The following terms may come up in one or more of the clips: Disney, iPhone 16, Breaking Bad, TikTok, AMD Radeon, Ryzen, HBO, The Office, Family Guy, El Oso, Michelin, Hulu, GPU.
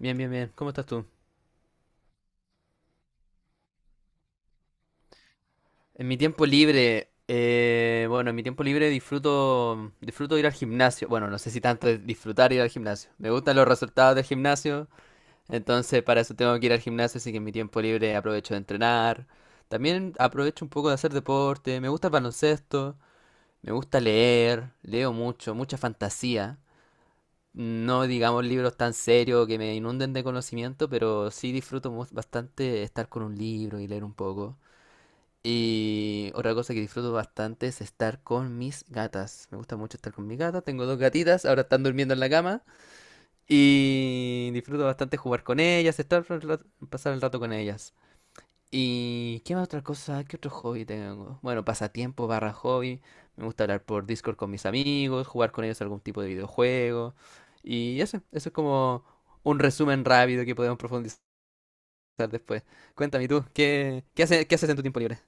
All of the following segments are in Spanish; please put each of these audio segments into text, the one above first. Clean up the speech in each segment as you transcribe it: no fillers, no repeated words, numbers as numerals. Bien, bien, bien. ¿Cómo estás tú? En mi tiempo libre, bueno, en mi tiempo libre disfruto ir al gimnasio. Bueno, no sé si tanto es disfrutar ir al gimnasio. Me gustan los resultados del gimnasio, entonces para eso tengo que ir al gimnasio, así que en mi tiempo libre aprovecho de entrenar. También aprovecho un poco de hacer deporte. Me gusta el baloncesto, me gusta leer, leo mucho, mucha fantasía. No digamos libros tan serios que me inunden de conocimiento, pero sí disfruto bastante estar con un libro y leer un poco. Y otra cosa que disfruto bastante es estar con mis gatas. Me gusta mucho estar con mis gatas. Tengo dos gatitas, ahora están durmiendo en la cama. Y disfruto bastante jugar con ellas, pasar el rato con ellas. ¿Y qué más otra cosa? ¿Qué otro hobby tengo? Bueno, pasatiempo barra hobby. Me gusta hablar por Discord con mis amigos, jugar con ellos algún tipo de videojuego. Y eso es como un resumen rápido que podemos profundizar después. Cuéntame tú, ¿qué qué haces en tu tiempo libre?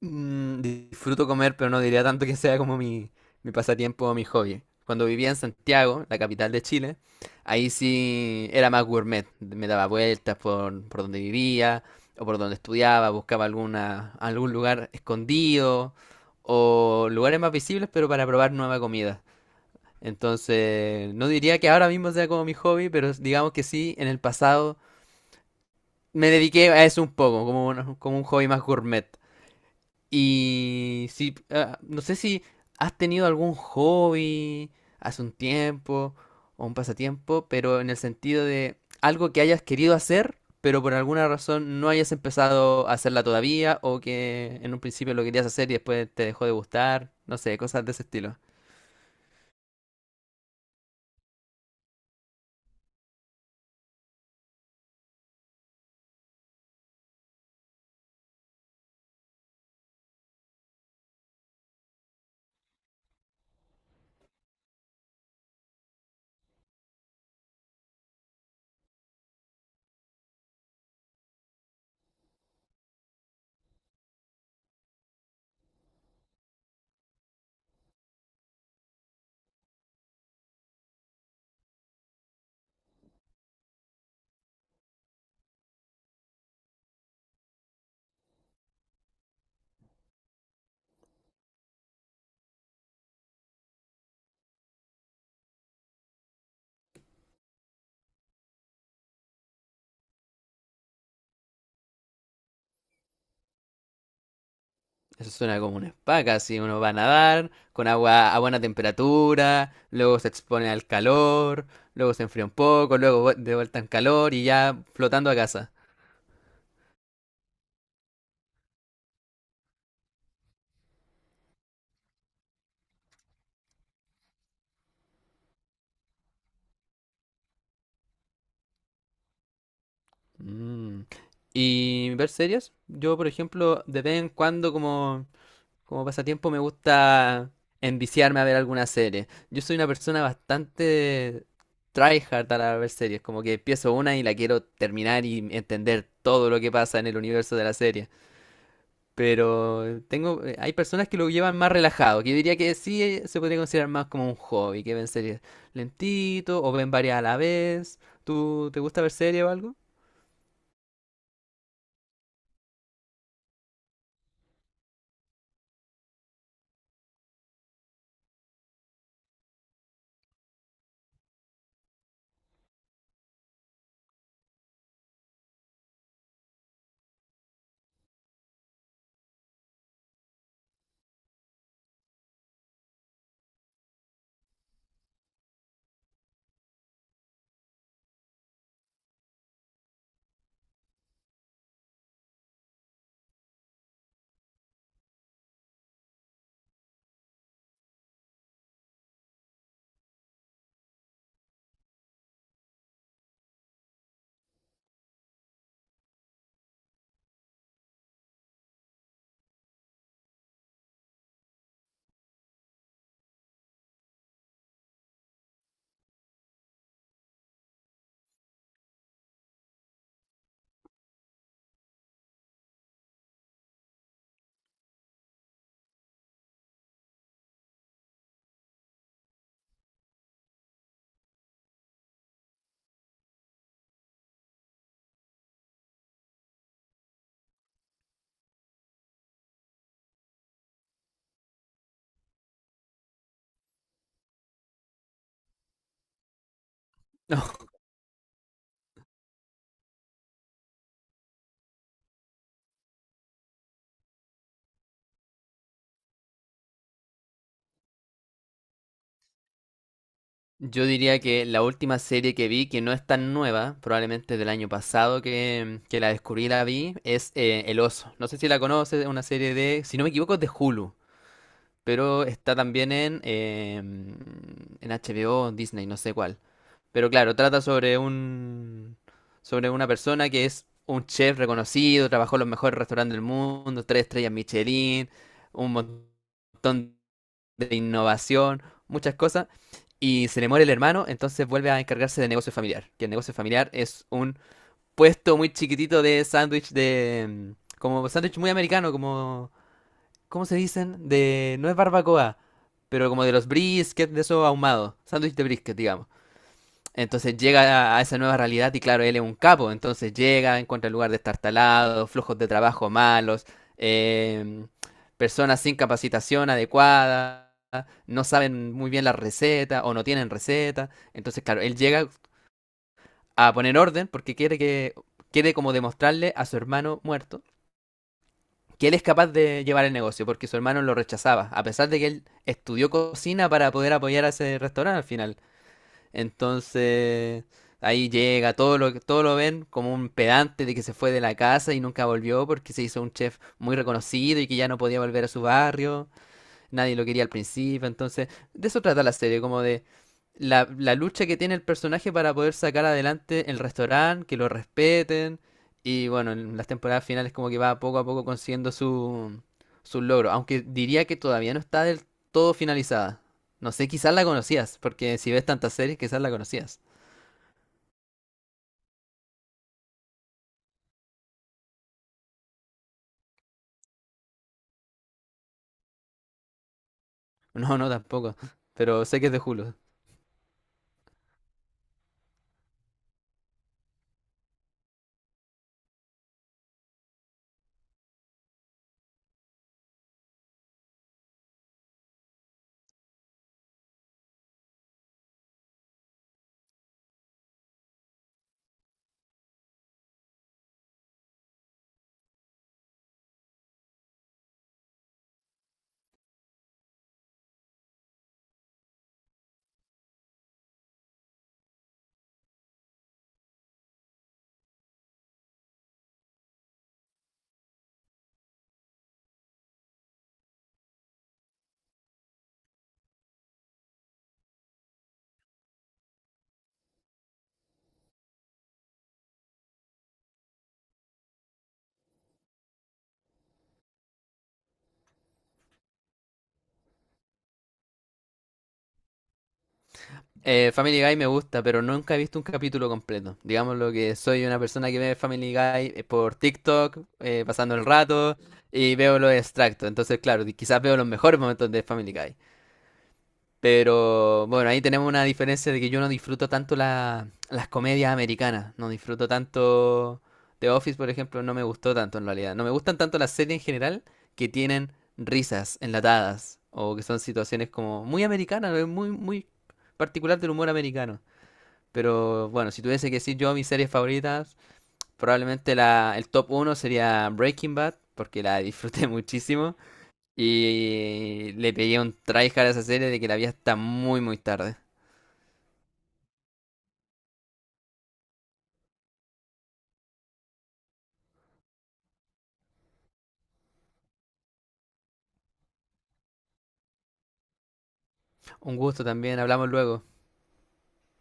Mm, disfruto comer, pero no diría tanto que sea como mi pasatiempo o mi hobby. Cuando vivía en Santiago, la capital de Chile, ahí sí era más gourmet. Me daba vueltas por donde vivía o por donde estudiaba, buscaba alguna, algún lugar escondido o lugares más visibles, pero para probar nueva comida. Entonces, no diría que ahora mismo sea como mi hobby, pero digamos que sí, en el pasado me dediqué a eso un poco, como un hobby más gourmet. Y si, no sé si has tenido algún hobby hace un tiempo o un pasatiempo, pero en el sentido de algo que hayas querido hacer, pero por alguna razón no hayas empezado a hacerla todavía o que en un principio lo querías hacer y después te dejó de gustar, no sé, cosas de ese estilo. Eso suena como una spa, casi uno va a nadar con agua a buena temperatura, luego se expone al calor, luego se enfría un poco, luego de vuelta en calor y ya flotando a casa. Mm. ¿Y ver series? Yo, por ejemplo, de vez en cuando como pasatiempo me gusta enviciarme a ver alguna serie. Yo soy una persona bastante tryhard a ver series, como que empiezo una y la quiero terminar y entender todo lo que pasa en el universo de la serie. Pero hay personas que lo llevan más relajado, que yo diría que sí se podría considerar más como un hobby, que ven series lentito o ven varias a la vez. ¿Tú te gusta ver series o algo? Yo diría que la última serie que vi, que no es tan nueva, probablemente del año pasado que la descubrí y la vi, es El Oso. No sé si la conoces, es una serie de, si no me equivoco, es de Hulu, pero está también en HBO, o Disney, no sé cuál. Pero claro, trata sobre una persona que es un chef reconocido, trabajó en los mejores restaurantes del mundo, tres estrellas Michelin, un montón de innovación, muchas cosas. Y se le muere el hermano, entonces vuelve a encargarse de negocio familiar. Que el negocio familiar es un puesto muy chiquitito de sándwich de, como sándwich muy americano, como, ¿cómo se dicen? De, no es barbacoa, pero como de los briskets, de esos ahumados. Sándwich de brisket, digamos. Entonces llega a esa nueva realidad y claro, él es un capo, entonces llega, encuentra el lugar destartalado, flujos de trabajo malos, eh, personas sin capacitación adecuada, no saben muy bien las recetas o no tienen recetas. Entonces, claro, él llega a poner orden porque quiere como demostrarle a su hermano muerto que él es capaz de llevar el negocio porque su hermano lo rechazaba, a pesar de que él estudió cocina para poder apoyar a ese restaurante al final. Entonces, ahí llega, todo lo ven como un pedante de que se fue de la casa y nunca volvió porque se hizo un chef muy reconocido y que ya no podía volver a su barrio nadie lo quería al principio, entonces de eso trata la serie, como de la lucha que tiene el personaje para poder sacar adelante el restaurante, que lo respeten, y bueno, en las temporadas finales como que va poco a poco consiguiendo su logro, aunque diría que todavía no está del todo finalizada. No sé, quizás la conocías, porque si ves tantas series, quizás la conocías. No, no, tampoco, pero sé que es de Hulu. Family Guy me gusta, pero nunca he visto un capítulo completo. Digamos lo que soy una persona que ve Family Guy por TikTok, pasando el rato, y veo los extractos. Entonces, claro, quizás veo los mejores momentos de Family Guy. Pero bueno, ahí tenemos una diferencia de que yo no disfruto tanto las comedias americanas. No disfruto tanto The Office, por ejemplo, no me gustó tanto en realidad. No me gustan tanto las series en general que tienen risas enlatadas o que son situaciones como muy americanas, muy, muy particular del humor americano. Pero bueno, si tuviese que decir yo mis series favoritas, probablemente el top uno sería Breaking Bad, porque la disfruté muchísimo. Y le pegué un tryhard a esa serie de que la vi hasta muy, muy tarde. Un gusto también, hablamos luego.